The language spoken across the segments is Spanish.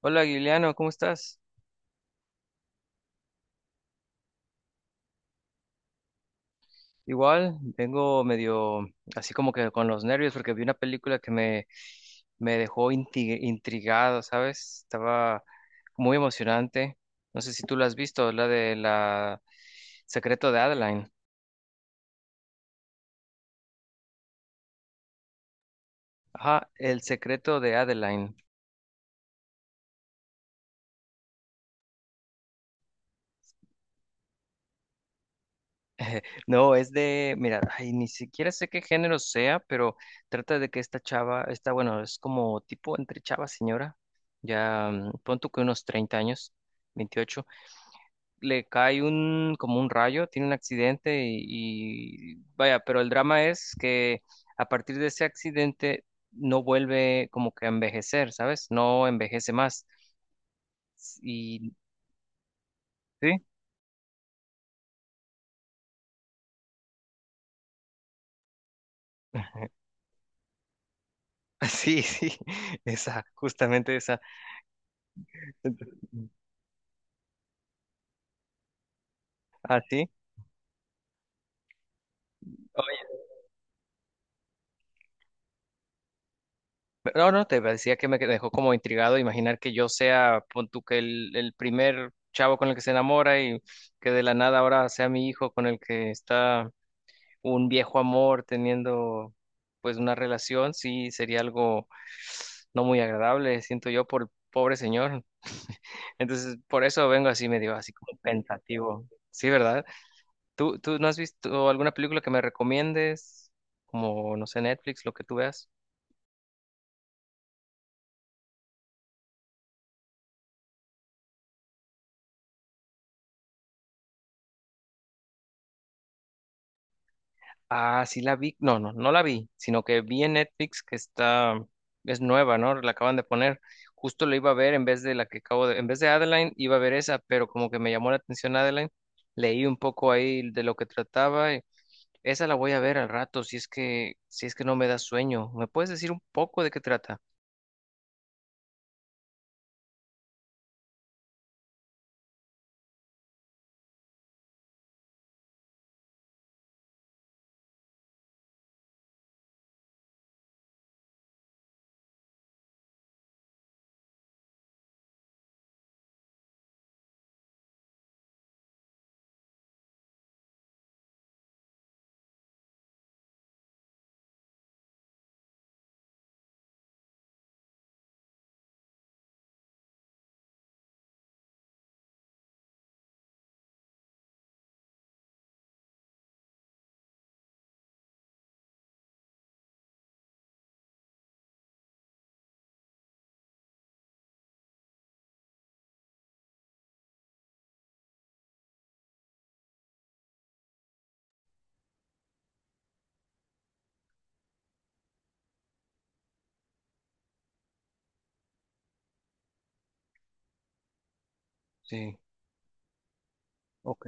Hola, Guiliano, ¿cómo estás? Igual, vengo medio así como que con los nervios porque vi una película que me dejó intrigado, ¿sabes? Estaba muy emocionante. No sé si tú la has visto, la de la Secreto de Adeline. Ajá, El Secreto de Adeline. No, es de, mira, ay, ni siquiera sé qué género sea, pero trata de que esta chava, esta, bueno, es como tipo entre chava señora, ya pon tú que unos 30 años, 28. Le cae un, como un rayo, tiene un accidente y vaya, pero el drama es que a partir de ese accidente no vuelve como que a envejecer, ¿sabes? No envejece más. Y sí, sí, esa, justamente esa. Así. Oye, no, te decía que me dejó como intrigado imaginar que yo sea, pon tú que el primer chavo con el que se enamora y que de la nada ahora sea mi hijo con el que está un viejo amor teniendo pues una relación, sí sería algo no muy agradable, siento yo, por el pobre señor. Entonces, por eso vengo así medio así como pensativo. Sí, ¿verdad? ¿Tú no has visto alguna película que me recomiendes? Como, no sé, Netflix, lo que tú veas. Ah, sí la vi. No, no la vi, sino que vi en Netflix que está, es nueva, ¿no? La acaban de poner. Justo la iba a ver en vez de la que acabo de, en vez de Adeline, iba a ver esa, pero como que me llamó la atención Adeline. Leí un poco ahí de lo que trataba. Y esa la voy a ver al rato, si es que, si es que no me da sueño. ¿Me puedes decir un poco de qué trata? Sí, ok,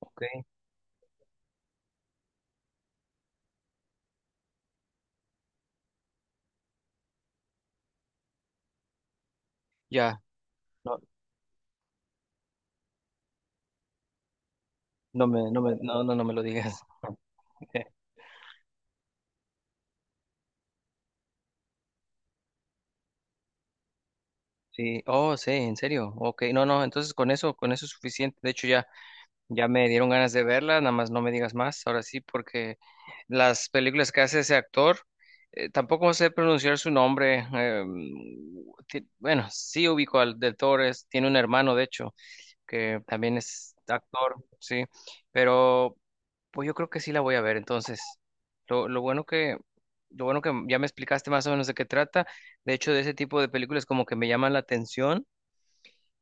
ok. Ya, no, no me, no, no me lo digas. Sí, oh, sí, en serio. Ok, no, no, entonces con eso es suficiente. De hecho, ya. Ya me dieron ganas de verla, nada más no me digas más, ahora sí, porque las películas que hace ese actor, tampoco sé pronunciar su nombre. Bueno, sí ubico al del Torres, tiene un hermano, de hecho, que también es actor, sí, pero pues yo creo que sí la voy a ver, entonces, lo bueno que... Lo bueno que ya me explicaste más o menos de qué trata. De hecho, de ese tipo de películas como que me llaman la atención.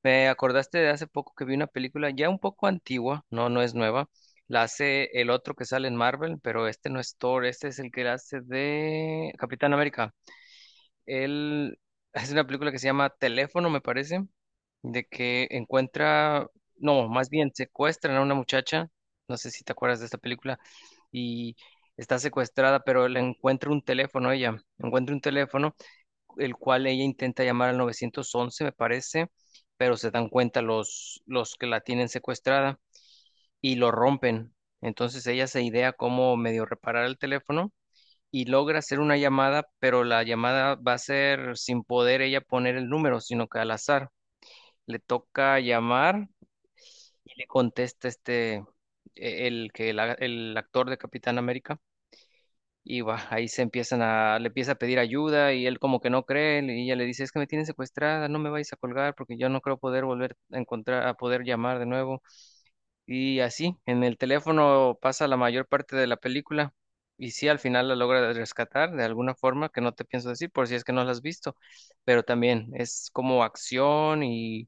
Me acordaste de hace poco que vi una película ya un poco antigua, no, no es nueva. La hace el otro que sale en Marvel, pero este no es Thor, este es el que la hace de Capitán América. Él es una película que se llama Teléfono, me parece, de que encuentra, no, más bien secuestran a una muchacha, no sé si te acuerdas de esta película, y está secuestrada, pero le encuentra un teléfono ella, encuentra un teléfono el cual ella intenta llamar al 911, me parece, pero se dan cuenta los que la tienen secuestrada y lo rompen. Entonces ella se idea cómo medio reparar el teléfono y logra hacer una llamada, pero la llamada va a ser sin poder ella poner el número, sino que al azar. Le toca llamar y le contesta este, el actor de Capitán América. Y va, ahí se empiezan a, le empieza a pedir ayuda y él como que no cree y ella le dice, es que me tienen secuestrada, no me vais a colgar porque yo no creo poder volver a encontrar, a poder llamar de nuevo. Y así, en el teléfono pasa la mayor parte de la película y sí, al final la logra rescatar de alguna forma que no te pienso decir por si es que no la has visto, pero también es como acción y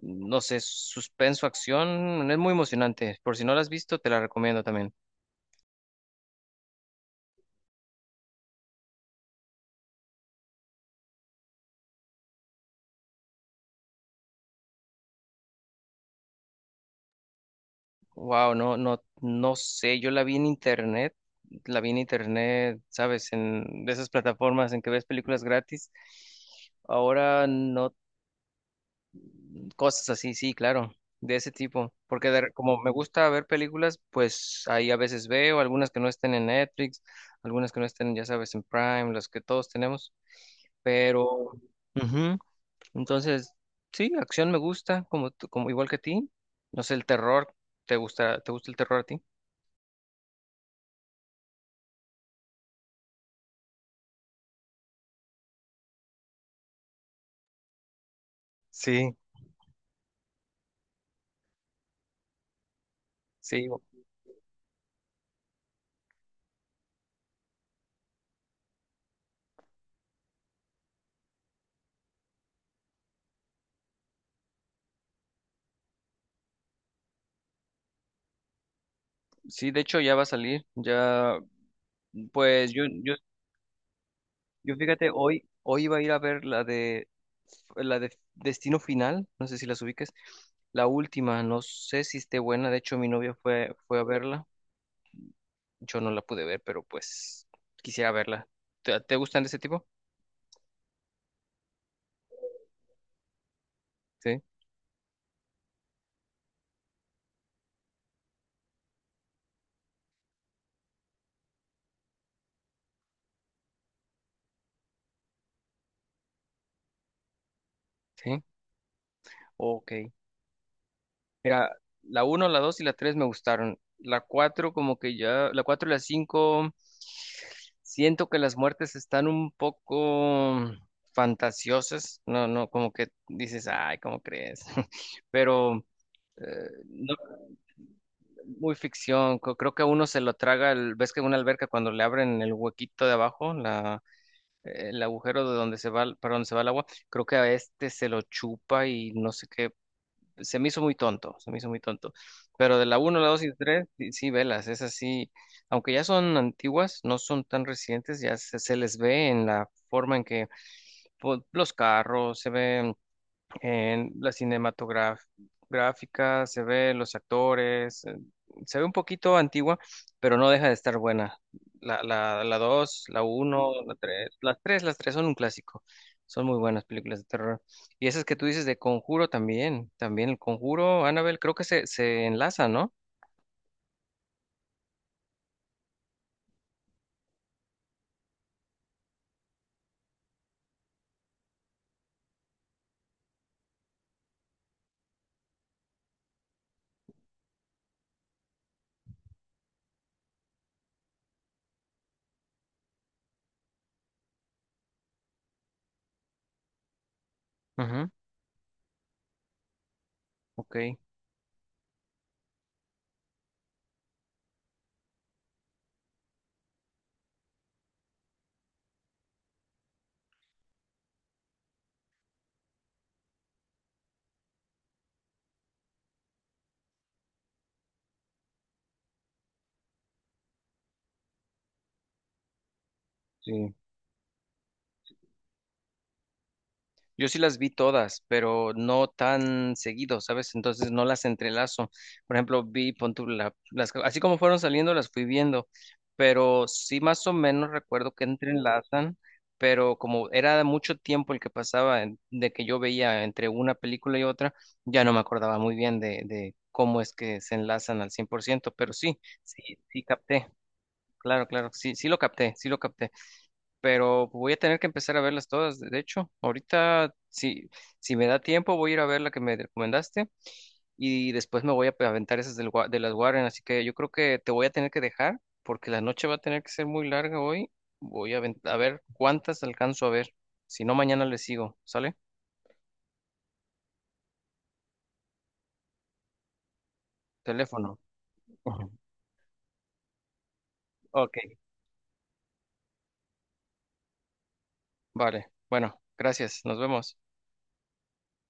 no sé, suspenso, acción, es muy emocionante. Por si no la has visto, te la recomiendo también. Wow, no, no, no sé, yo la vi en internet, la vi en internet, sabes, en de esas plataformas en que ves películas gratis. Ahora no, cosas así, sí, claro, de ese tipo, porque como me gusta ver películas, pues ahí a veces veo algunas que no estén en Netflix, algunas que no estén, ya sabes, en Prime, las que todos tenemos, pero, ujú, entonces, sí, acción me gusta, como, como igual que a ti, no sé, el terror, ¿te gusta el terror a ti? Sí, sí, sí, de hecho ya va a salir, ya, pues yo, yo fíjate, hoy iba a ir a ver la de Destino Final, no sé si las ubiques, la última, no sé si esté buena, de hecho mi novia fue a verla, yo no la pude ver, pero pues quisiera verla. ¿Te gustan de ese tipo? Sí, sí, ok. Mira, la uno la 2 y la 3 me gustaron. La 4 como que ya, la 4 y la 5 siento que las muertes están un poco fantasiosas. No, no, como que dices, ay, ¿cómo crees? Pero no, muy ficción. Creo que a uno se lo traga, ves que en una alberca cuando le abren el huequito de abajo, la, el agujero de donde se va, para donde se va el agua, creo que a este se lo chupa y no sé qué, se me hizo muy tonto, se me hizo muy tonto. Pero de la uno la 2 y 3, sí, sí, velas, esas sí, aunque ya son antiguas, no son tan recientes, ya se les ve en la forma en que pues, los carros, se ve en la cinematográfica se ve los actores, se ve un poquito antigua, pero no deja de estar buena. La 2 la uno la 3, las tres son un clásico. Son muy buenas películas de terror. Y esas que tú dices de Conjuro también, también el Conjuro, Annabelle, creo que se enlaza, ¿no? Ujú. Ok, sí. Yo sí las vi todas, pero no tan seguido, ¿sabes? Entonces no las entrelazo. Por ejemplo, vi, pon tú, las, así como fueron saliendo, las fui viendo, pero sí más o menos recuerdo que entrelazan, pero como era mucho tiempo el que pasaba de que yo veía entre una película y otra, ya no me acordaba muy bien de cómo es que se enlazan al 100 por ciento, pero sí, sí, sí capté, claro, claro, sí, sí lo capté, pero voy a tener que empezar a verlas todas. De hecho, ahorita, si, si me da tiempo, voy a ir a ver la que me recomendaste y después me voy a aventar esas del de las Warren. Así que yo creo que te voy a tener que dejar porque la noche va a tener que ser muy larga hoy. Voy a, a ver cuántas alcanzo a ver. Si no, mañana le sigo. ¿Sale? Teléfono. Ujú. Ok. Vale. Bueno, gracias. Nos vemos.